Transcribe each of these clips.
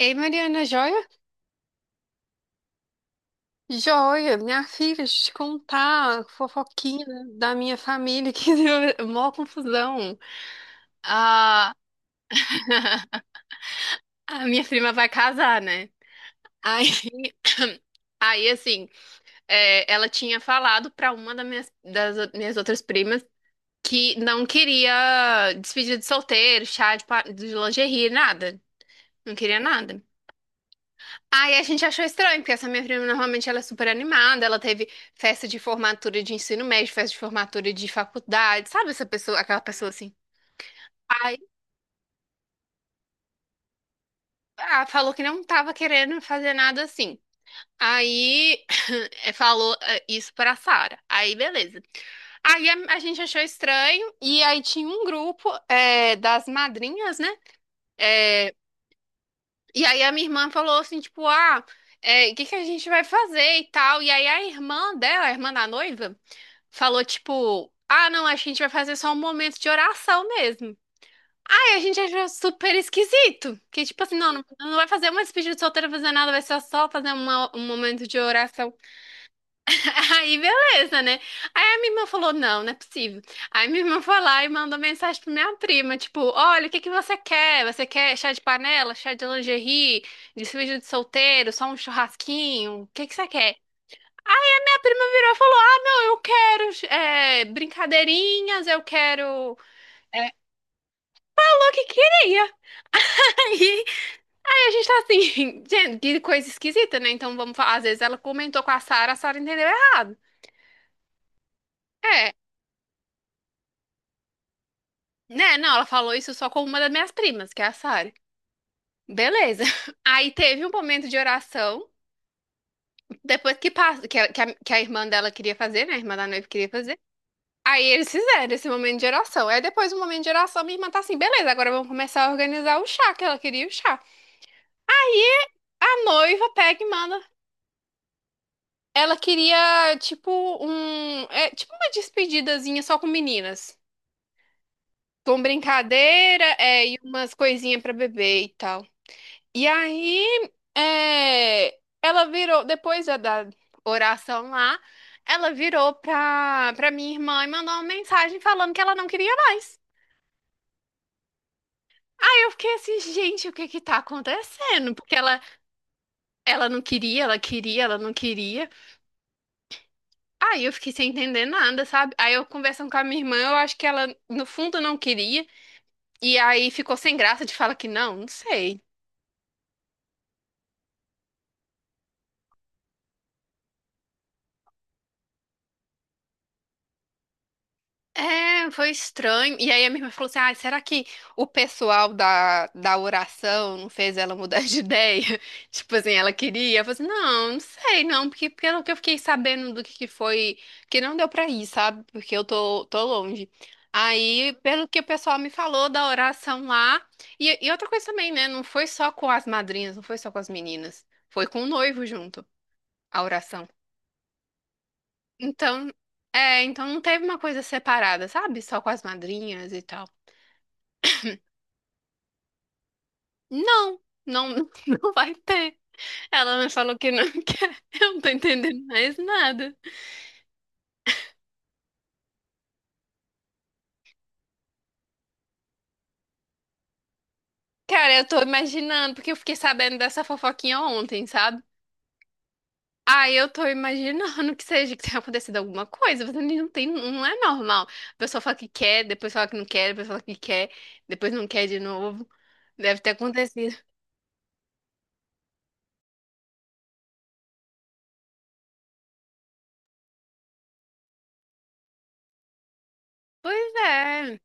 Ei, Mariana, joia? Joia, minha filha, deixa eu te contar, fofoquinha da minha família, que deu mó confusão. A, a minha prima vai casar, né? Aí, aí assim, ela tinha falado pra uma das minhas, das minhas outras primas que não queria despedida de solteiro, chá de, de lingerie, nada. Não queria nada. Aí a gente achou estranho, porque essa minha prima normalmente ela é super animada, ela teve festa de formatura de ensino médio, festa de formatura de faculdade, sabe essa pessoa, aquela pessoa assim. Aí ah, falou que não tava querendo fazer nada assim. Aí falou isso pra Sara. Aí beleza. Aí a gente achou estranho, e aí tinha um grupo das madrinhas, né? É, e aí a minha irmã falou assim, tipo, ah, é, o que que a gente vai fazer e tal. E aí a irmã dela, a irmã da noiva, falou tipo, ah, não, acho que a gente vai fazer só um momento de oração mesmo. Aí a gente achou super esquisito. Que tipo assim, não, não vai fazer uma despedida de solteiro, fazer nada, vai ser só fazer um momento de oração. Aí beleza, né? Aí a minha irmã falou, não, não é possível. Aí minha irmã foi lá e mandou mensagem pra minha prima, tipo, olha, o que que você quer? Você quer chá de panela, chá de lingerie, despedida de solteiro, só um churrasquinho? O que que você quer? Prima virou e falou: ah, não, eu quero é, brincadeirinhas, eu quero. É. Falou que queria. Aí, aí, a gente tá assim, gente, que coisa esquisita, né? Então vamos falar. Às vezes ela comentou com a Sara entendeu errado. É, né? Não, ela falou isso só com uma das minhas primas, que é a Sara. Beleza. Aí teve um momento de oração, depois que passa, que a irmã dela queria fazer, né? A irmã da noiva queria fazer. Aí eles fizeram esse momento de oração. Aí depois do momento de oração, minha irmã tá assim, beleza, agora vamos começar a organizar o chá, que ela queria o chá. Aí a noiva pega e manda. Ela queria, tipo, um. É, tipo uma despedidazinha só com meninas. Com brincadeira, é, e umas coisinhas pra beber e tal. E aí, é, ela virou, depois da oração lá, ela virou pra minha irmã e mandou uma mensagem falando que ela não queria mais. Aí eu fiquei assim, gente, o que que tá acontecendo? Porque ela não queria, ela queria, ela não queria. Aí eu fiquei sem entender nada, sabe? Aí eu conversando com a minha irmã, eu acho que ela no fundo não queria. E aí ficou sem graça de falar que não, não sei. É, foi estranho. E aí a minha irmã falou assim: ah, será que o pessoal da oração não fez ela mudar de ideia? Tipo assim, ela queria. Eu falei assim: não, não sei, não, porque pelo que eu fiquei sabendo do que foi, que não deu pra ir, sabe? Porque eu tô longe. Aí, pelo que o pessoal me falou da oração lá. E outra coisa também, né? Não foi só com as madrinhas, não foi só com as meninas. Foi com o noivo junto, a oração. Então, é, então não teve uma coisa separada, sabe? Só com as madrinhas e tal. Não, não, não vai ter. Ela me falou que não quer. Eu não tô entendendo mais nada. Cara, eu tô imaginando, porque eu fiquei sabendo dessa fofoquinha ontem, sabe? Aí eu tô imaginando que seja que tenha acontecido alguma coisa, mas não tem, não é normal. A pessoa fala que quer, depois fala que não quer, depois fala que quer, depois não quer de novo. Deve ter acontecido. Pois é.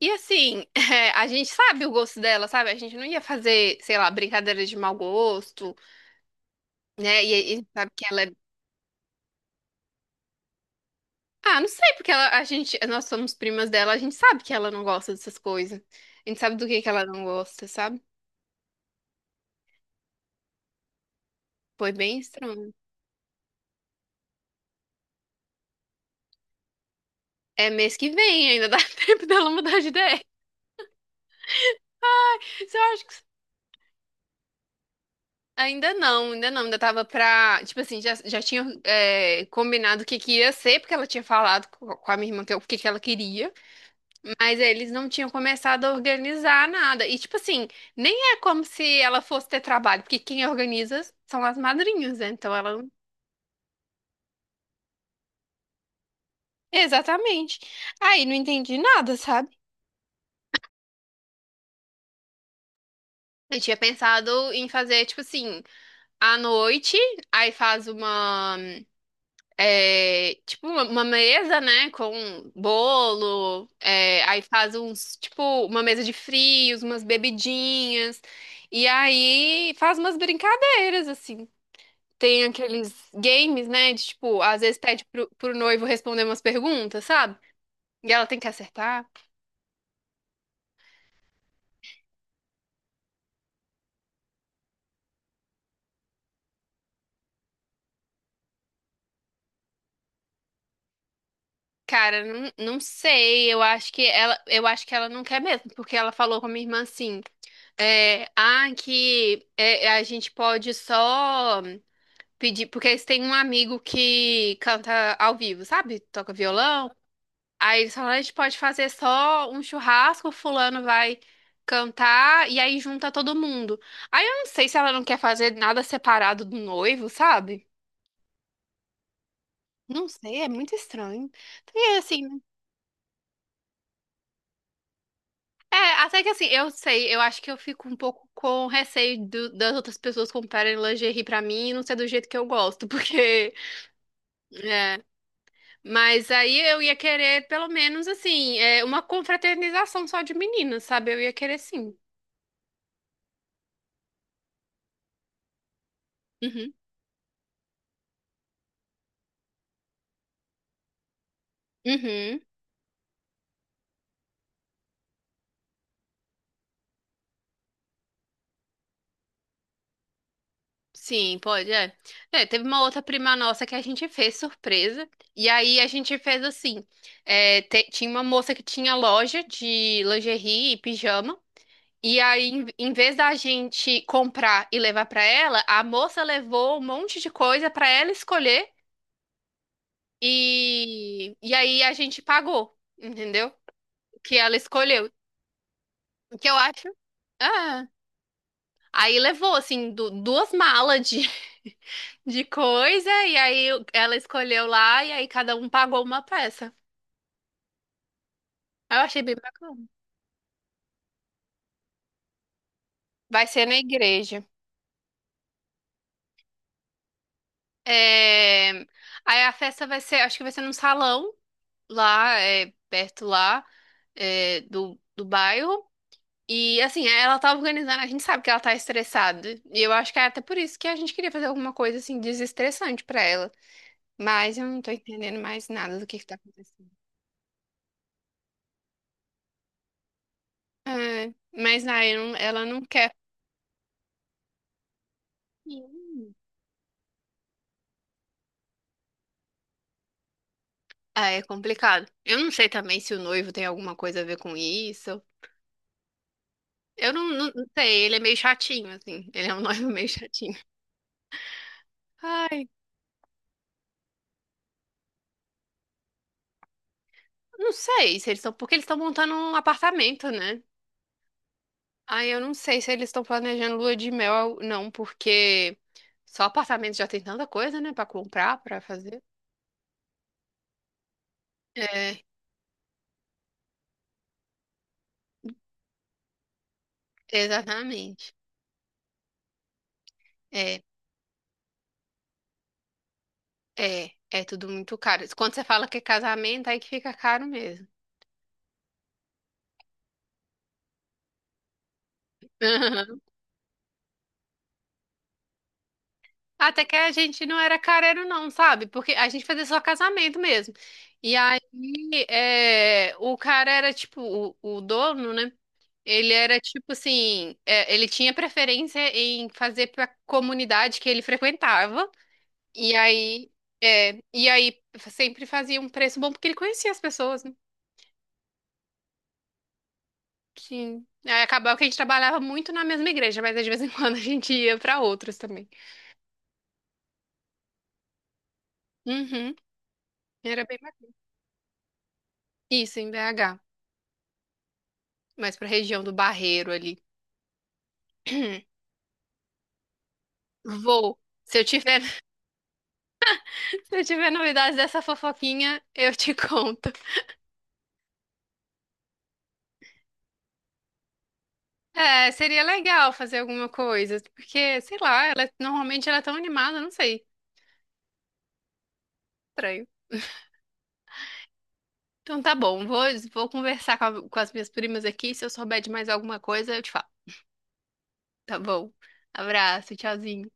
E assim, é, a gente sabe o gosto dela, sabe? A gente não ia fazer, sei lá, brincadeira de mau gosto, né? E sabe que ela é. Ah, não sei, porque ela, a gente, nós somos primas dela, a gente sabe que ela não gosta dessas coisas. A gente sabe do que ela não gosta, sabe? Foi bem estranho. É mês que vem, ainda dá tempo dela mudar de ideia. Isso eu acho que. Ainda não, ainda não, ainda tava pra. Tipo assim, já tinha é, combinado o que que ia ser, porque ela tinha falado com a minha irmã que, o que que ela queria. Mas eles não tinham começado a organizar nada. E, tipo assim, nem é como se ela fosse ter trabalho, porque quem organiza são as madrinhas, né? Então ela. Exatamente. Aí não entendi nada, sabe? Eu tinha pensado em fazer, tipo assim, à noite, aí faz uma. É, tipo, uma mesa, né? Com bolo, é, aí faz uns. Tipo, uma mesa de frios, umas bebidinhas. E aí faz umas brincadeiras, assim. Tem aqueles games, né? De, tipo, às vezes pede pro noivo responder umas perguntas, sabe? E ela tem que acertar. Cara, não, não sei. Eu acho que ela, eu acho que ela não quer mesmo, porque ela falou com a minha irmã assim, é, ah, que é, a gente pode só pedir, porque eles têm um amigo que canta ao vivo, sabe? Toca violão. Aí eles falaram, a gente pode fazer só um churrasco, fulano vai cantar e aí junta todo mundo. Aí eu não sei se ela não quer fazer nada separado do noivo, sabe? Não sei, é muito estranho. E é assim, é, até que assim, eu sei, eu acho que eu fico um pouco com receio das outras pessoas comprarem lingerie pra mim e não ser do jeito que eu gosto, porque é, mas aí eu ia querer pelo menos assim, é, uma confraternização só de meninas, sabe? Eu ia querer sim. Uhum. Uhum. Sim, pode, é. É, teve uma outra prima nossa que a gente fez surpresa. E aí a gente fez assim: é, tinha uma moça que tinha loja de lingerie e pijama. E aí, em, em vez da gente comprar e levar pra ela, a moça levou um monte de coisa pra ela escolher. E aí a gente pagou, entendeu? O que ela escolheu. O que eu acho. É. Aí levou, assim, duas malas de, de coisa, e aí ela escolheu lá, e aí cada um pagou uma peça. Aí eu achei bem bacana. Vai ser na igreja. É, aí a festa vai ser, acho que vai ser num salão lá, é, perto lá, é, do bairro. E assim, ela tá organizando, a gente sabe que ela tá estressada. E eu acho que é até por isso que a gente queria fazer alguma coisa assim desestressante pra ela. Mas eu não tô entendendo mais nada do que tá acontecendo. É, mas aí não- ela não quer. Sim. Ah, é complicado. Eu não sei também se o noivo tem alguma coisa a ver com isso. Eu não, não sei, ele é meio chatinho, assim. Ele é um noivo meio chatinho. Ai, não sei se eles estão. Porque eles estão montando um apartamento, né? Ai, eu não sei se eles estão planejando lua de mel, não, porque só apartamento já tem tanta coisa, né, pra comprar, pra fazer. É, exatamente. É, é tudo muito caro. Quando você fala que é casamento, aí que fica caro mesmo. Aham. Até que a gente não era careiro, não, sabe? Porque a gente fazia só casamento mesmo. E aí, é, o cara era tipo, o dono, né? Ele era tipo assim, é, ele tinha preferência em fazer pra comunidade que ele frequentava. E aí, é, e aí sempre fazia um preço bom porque ele conhecia as pessoas, né? Sim. Aí acabava que a gente trabalhava muito na mesma igreja, mas de vez em quando a gente ia pra outras também. Uhum. Era bem bacana. Isso, em BH. Mais pra região do Barreiro ali. Vou. Se eu tiver, se eu tiver novidades dessa fofoquinha, eu te conto. É, seria legal fazer alguma coisa, porque, sei lá, ela normalmente ela é tão animada, não sei. Estranho. Então tá bom, vou conversar com, com as minhas primas aqui. Se eu souber de mais alguma coisa, eu te falo. Tá bom. Abraço, tchauzinho.